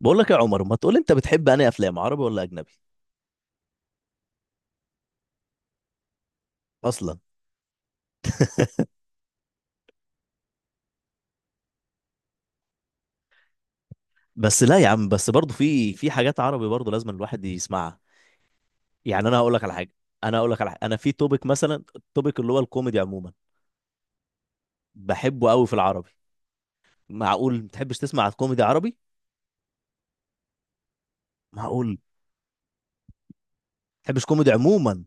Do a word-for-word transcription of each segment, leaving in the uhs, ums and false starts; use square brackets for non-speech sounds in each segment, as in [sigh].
بقول لك يا عمر، ما تقول انت بتحب انهي افلام عربي ولا اجنبي؟ اصلا. [laughs] بس لا يا عم، بس برضه في في حاجات عربي برضه لازم الواحد يسمعها. يعني انا هقول لك على حاجه انا هقول لك على حاجه، انا في توبيك مثلا، التوبيك اللي هو الكوميدي عموما بحبه قوي في العربي. معقول ما تحبش تسمع كوميدي عربي؟ معقول ما تحبش كوميدي عموما؟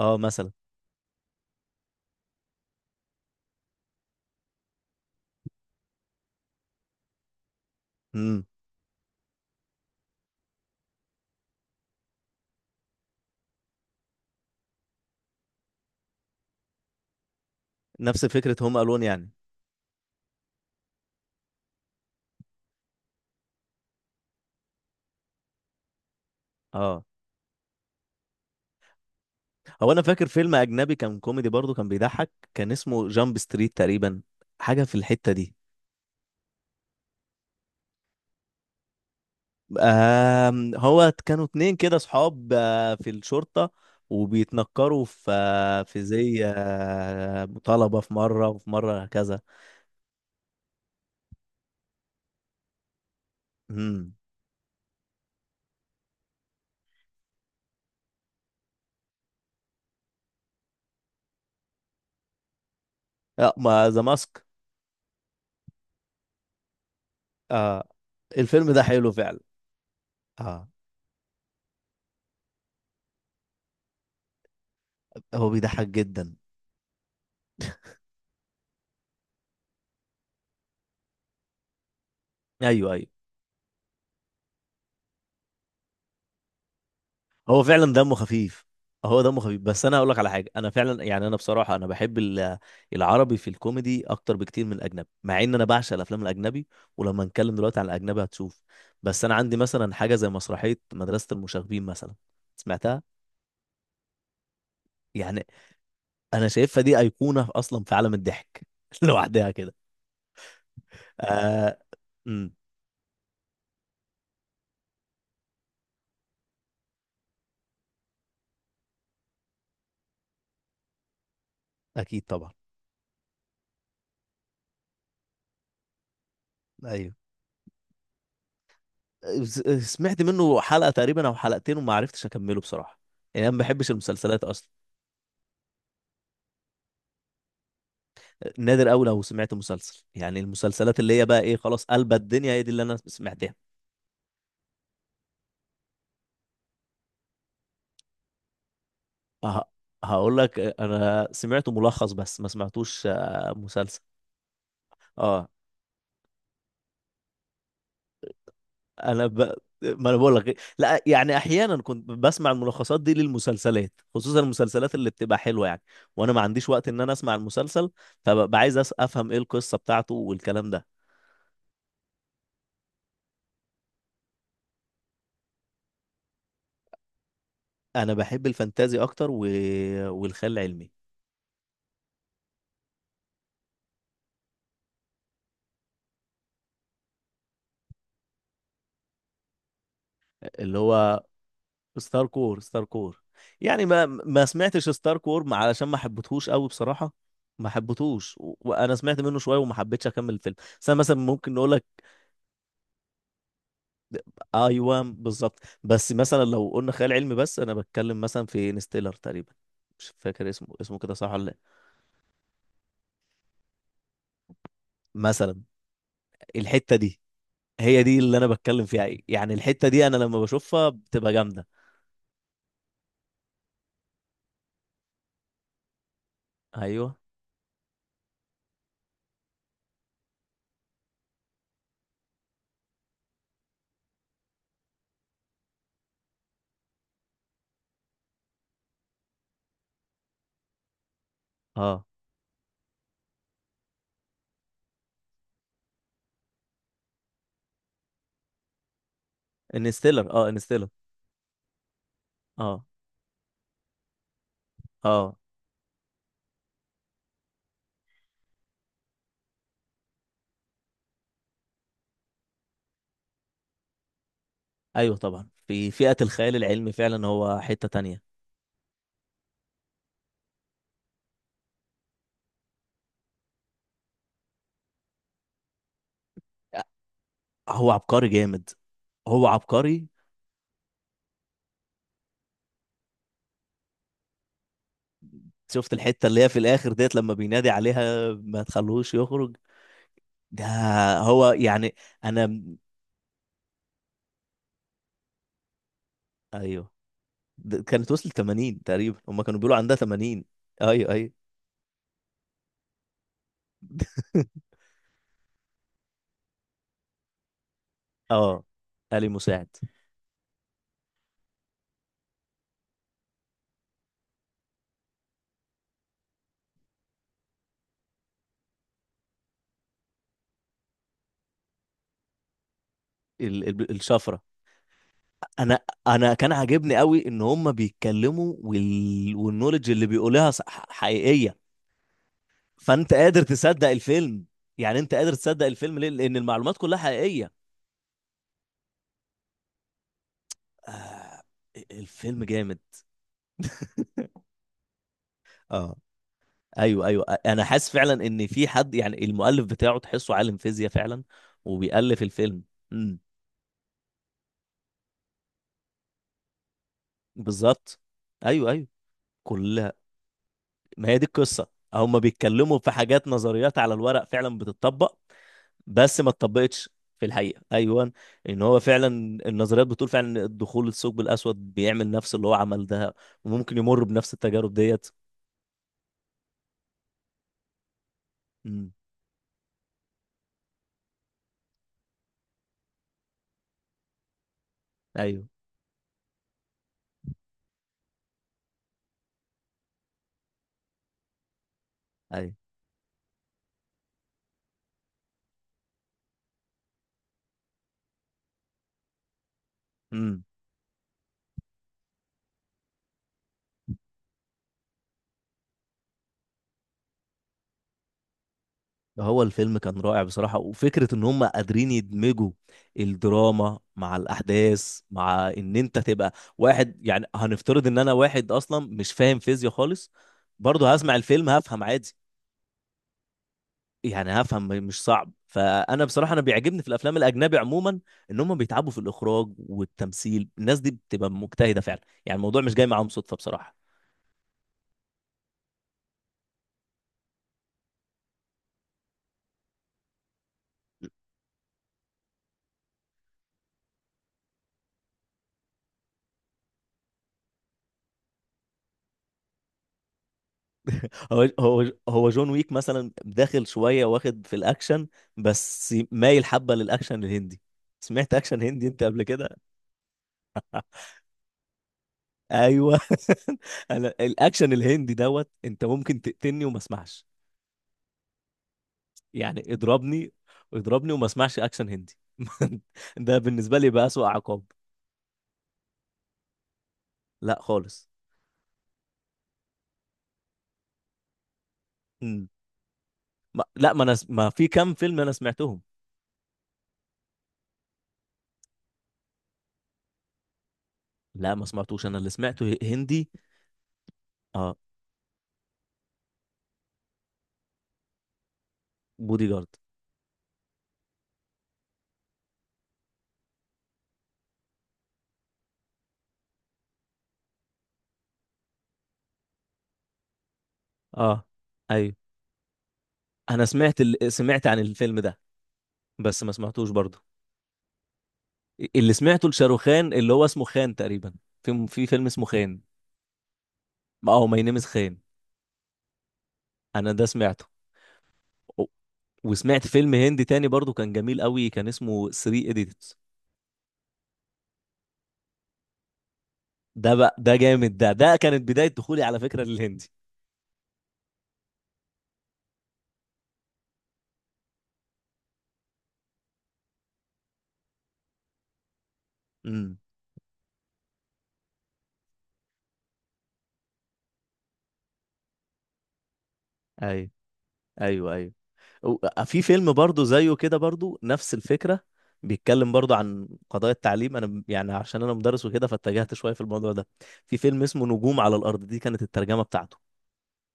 اه، مثلا. امم نفس فكره هوم الون، يعني. اه. هو انا فاكر فيلم اجنبي كان كوميدي برضه كان بيضحك، كان اسمه جامب ستريت تقريبا، حاجه في الحته دي. آم، هو كانوا اتنين كده صحاب، آه، في الشرطة، وبيتنكروا في آه، في زي آه، مطالبة في مرة وفي مرة، هكذا. امم. لا، ما ذا ماسك. آه، الفيلم ده حلو فعلا. اه، هو بيضحك جدا. ايوه ايوه، هو فعلا دمه خفيف. هو دمه خفيف، بس انا هقول لك على حاجه، انا فعلا يعني انا بصراحه انا بحب ال- العربي في الكوميدي اكتر بكتير من الاجنبي، مع ان انا بعشق الافلام الاجنبي. ولما نتكلم دلوقتي عن الاجنبي هتشوف. بس انا عندي مثلا حاجه زي مسرحيه مدرسه المشاغبين مثلا. سمعتها؟ يعني انا شايفها دي ايقونه اصلا في عالم الضحك [laughs] لوحدها كده. آه... أمم، اكيد طبعا. ايوه، س- سمعت منه حلقه تقريبا او حلقتين وما عرفتش اكمله بصراحه. يعني انا ما بحبش المسلسلات اصلا. نادر قوي لو سمعت مسلسل، يعني المسلسلات اللي هي بقى ايه، خلاص قلبت الدنيا، هي دي اللي انا سمعتها. ه- هقول لك، انا سمعت ملخص بس ما سمعتوش آه، مسلسل. اه. انا ب... ما انا بقول لك إيه. لا يعني احيانا كنت بسمع الملخصات دي للمسلسلات، خصوصا المسلسلات اللي بتبقى حلوه، يعني. وانا ما عنديش وقت ان انا اسمع المسلسل، فببقى عايز أس- افهم ايه القصه بتاعته والكلام ده. انا بحب الفانتازي اكتر و... والخيال العلمي. اللي هو ستار كور، ستار كور، يعني. ما ما سمعتش ستار كور، ما- علشان ما حبيتهوش قوي بصراحة. ما حبيتهوش، و- وانا سمعت منه شوية وما حبيتش اكمل الفيلم. بس انا مثلا ممكن نقول لك. ايوه بالظبط، بس مثلا لو قلنا خيال علمي، بس انا بتكلم مثلا في انستيلر تقريبا، مش فاكر اسمه، اسمه كده صح ولا لا. مثلا، الحتة دي، هي دي اللي انا بتكلم فيها، يعني الحتة دي انا لما بشوفها بتبقى جامدة. ايوه. اه انستيلر. اه انستيلر. اه اه. ايوه طبعا، في فئة الخيال العلمي فعلا هو حتة تانية. هو عبقري جامد. هو عبقري. شفت الحتة اللي هي في الآخر ديت، لما بينادي عليها ما تخلوش يخرج. ده هو يعني. أنا. أيوه. ده كانت وصلت ثمانين تقريبا، هما كانوا بيقولوا عندها ثمانين. أيوه أيوه. [laughs] أه. آلي مساعد. ال... ال... الشفرة. أنا أنا كان عاجبني قوي إن هما بيتكلموا وال... والنولج اللي بيقولها صح- حقيقية. فانت قادر تصدق الفيلم، يعني انت قادر تصدق الفيلم ليه؟ لان المعلومات كلها حقيقيه. آه، الفيلم جامد. اه ايوه ايوه. انا حاسس فعلا ان في حد يعني المؤلف بتاعه تحسه عالم فيزياء فعلا وبيألف الفيلم. امم. بالظبط، ايوه ايوه. كلها. ما هي دي القصه، هم بيتكلموا في حاجات نظريات على الورق فعلا بتتطبق، بس ما اتطبقتش في الحقيقه. ايوه، ان هو فعلا النظريات بتقول فعلا ان الدخول الثقب الاسود بيعمل نفس اللي هو عمل ده، وممكن يمر بنفس التجارب ديت. امم، ايوه ايوه. امم. هو الفيلم كان رائع بصراحه، وفكره ان هم قادرين يدمجوا الدراما مع الاحداث، مع ان انت تبقى واحد يعني هنفترض ان انا واحد اصلا مش فاهم فيزياء خالص، برضه هسمع الفيلم هفهم عادي. يعني هفهم مش صعب. فانا بصراحه انا بيعجبني في الافلام الاجنبي عموما ان هم بيتعبوا في الاخراج والتمثيل. الناس دي بتبقى مجتهده فعلا، يعني الموضوع مش جاي معاهم صدفه بصراحه. هو هو هو جون ويك مثلا داخل شويه واخد في الاكشن، بس مايل حبه للاكشن الهندي. سمعت اكشن هندي انت قبل كده؟ ايوه. [laughs] انا الاكشن الهندي دوت، انت ممكن تقتلني وما اسمعش. يعني اضربني، اضربني وما اسمعش اكشن هندي. [laughs] ده بالنسبه لي بقى اسوأ عقاب. لا خالص. مم. ما... لا ما انا س- ما، في كام فيلم انا سمعتهم. لا ما سمعتوش. انا اللي سمعته ه- هندي. اه بودي جارد. اه ايوه. انا سمعت ال... سمعت عن الفيلم ده، بس ما سمعتوش برضه. اللي سمعته لشاروخان، اللي هو اسمه خان تقريبا، في في فيلم اسمه خان. اه ماي نيم از خان. انا ده سمعته، و- وسمعت فيلم هندي تاني برضه كان جميل قوي، كان اسمه تلاتة ايديتس. ده بقى، ده جامد، ده ده كانت بداية دخولي على فكرة للهندي. امم. ايوه ايوه ايوه. و- آه، في فيلم برضه زيه كده برضه نفس الفكرة، بيتكلم برضه عن قضايا التعليم. انا ب- يعني عشان انا مدرس وكده، فاتجهت شوية في الموضوع ده. في فيلم اسمه نجوم على الارض، دي كانت الترجمة بتاعته.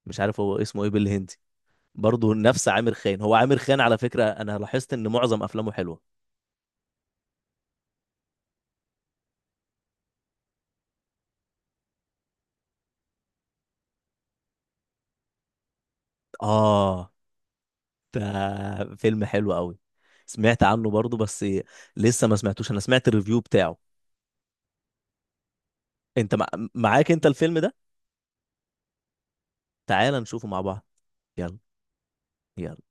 مش عارف هو اسمه ايه بالهندي. برضه نفس عامر خان. هو عامر خان على فكرة انا لاحظت ان معظم افلامه حلوة. اه، ده فيلم حلو قوي. سمعت عنه برضه، بس لسه ما سمعتوش. انا سمعت الريفيو بتاعه. انت مع... معاك انت الفيلم ده؟ تعال نشوفه مع بعض. يلا. يلا.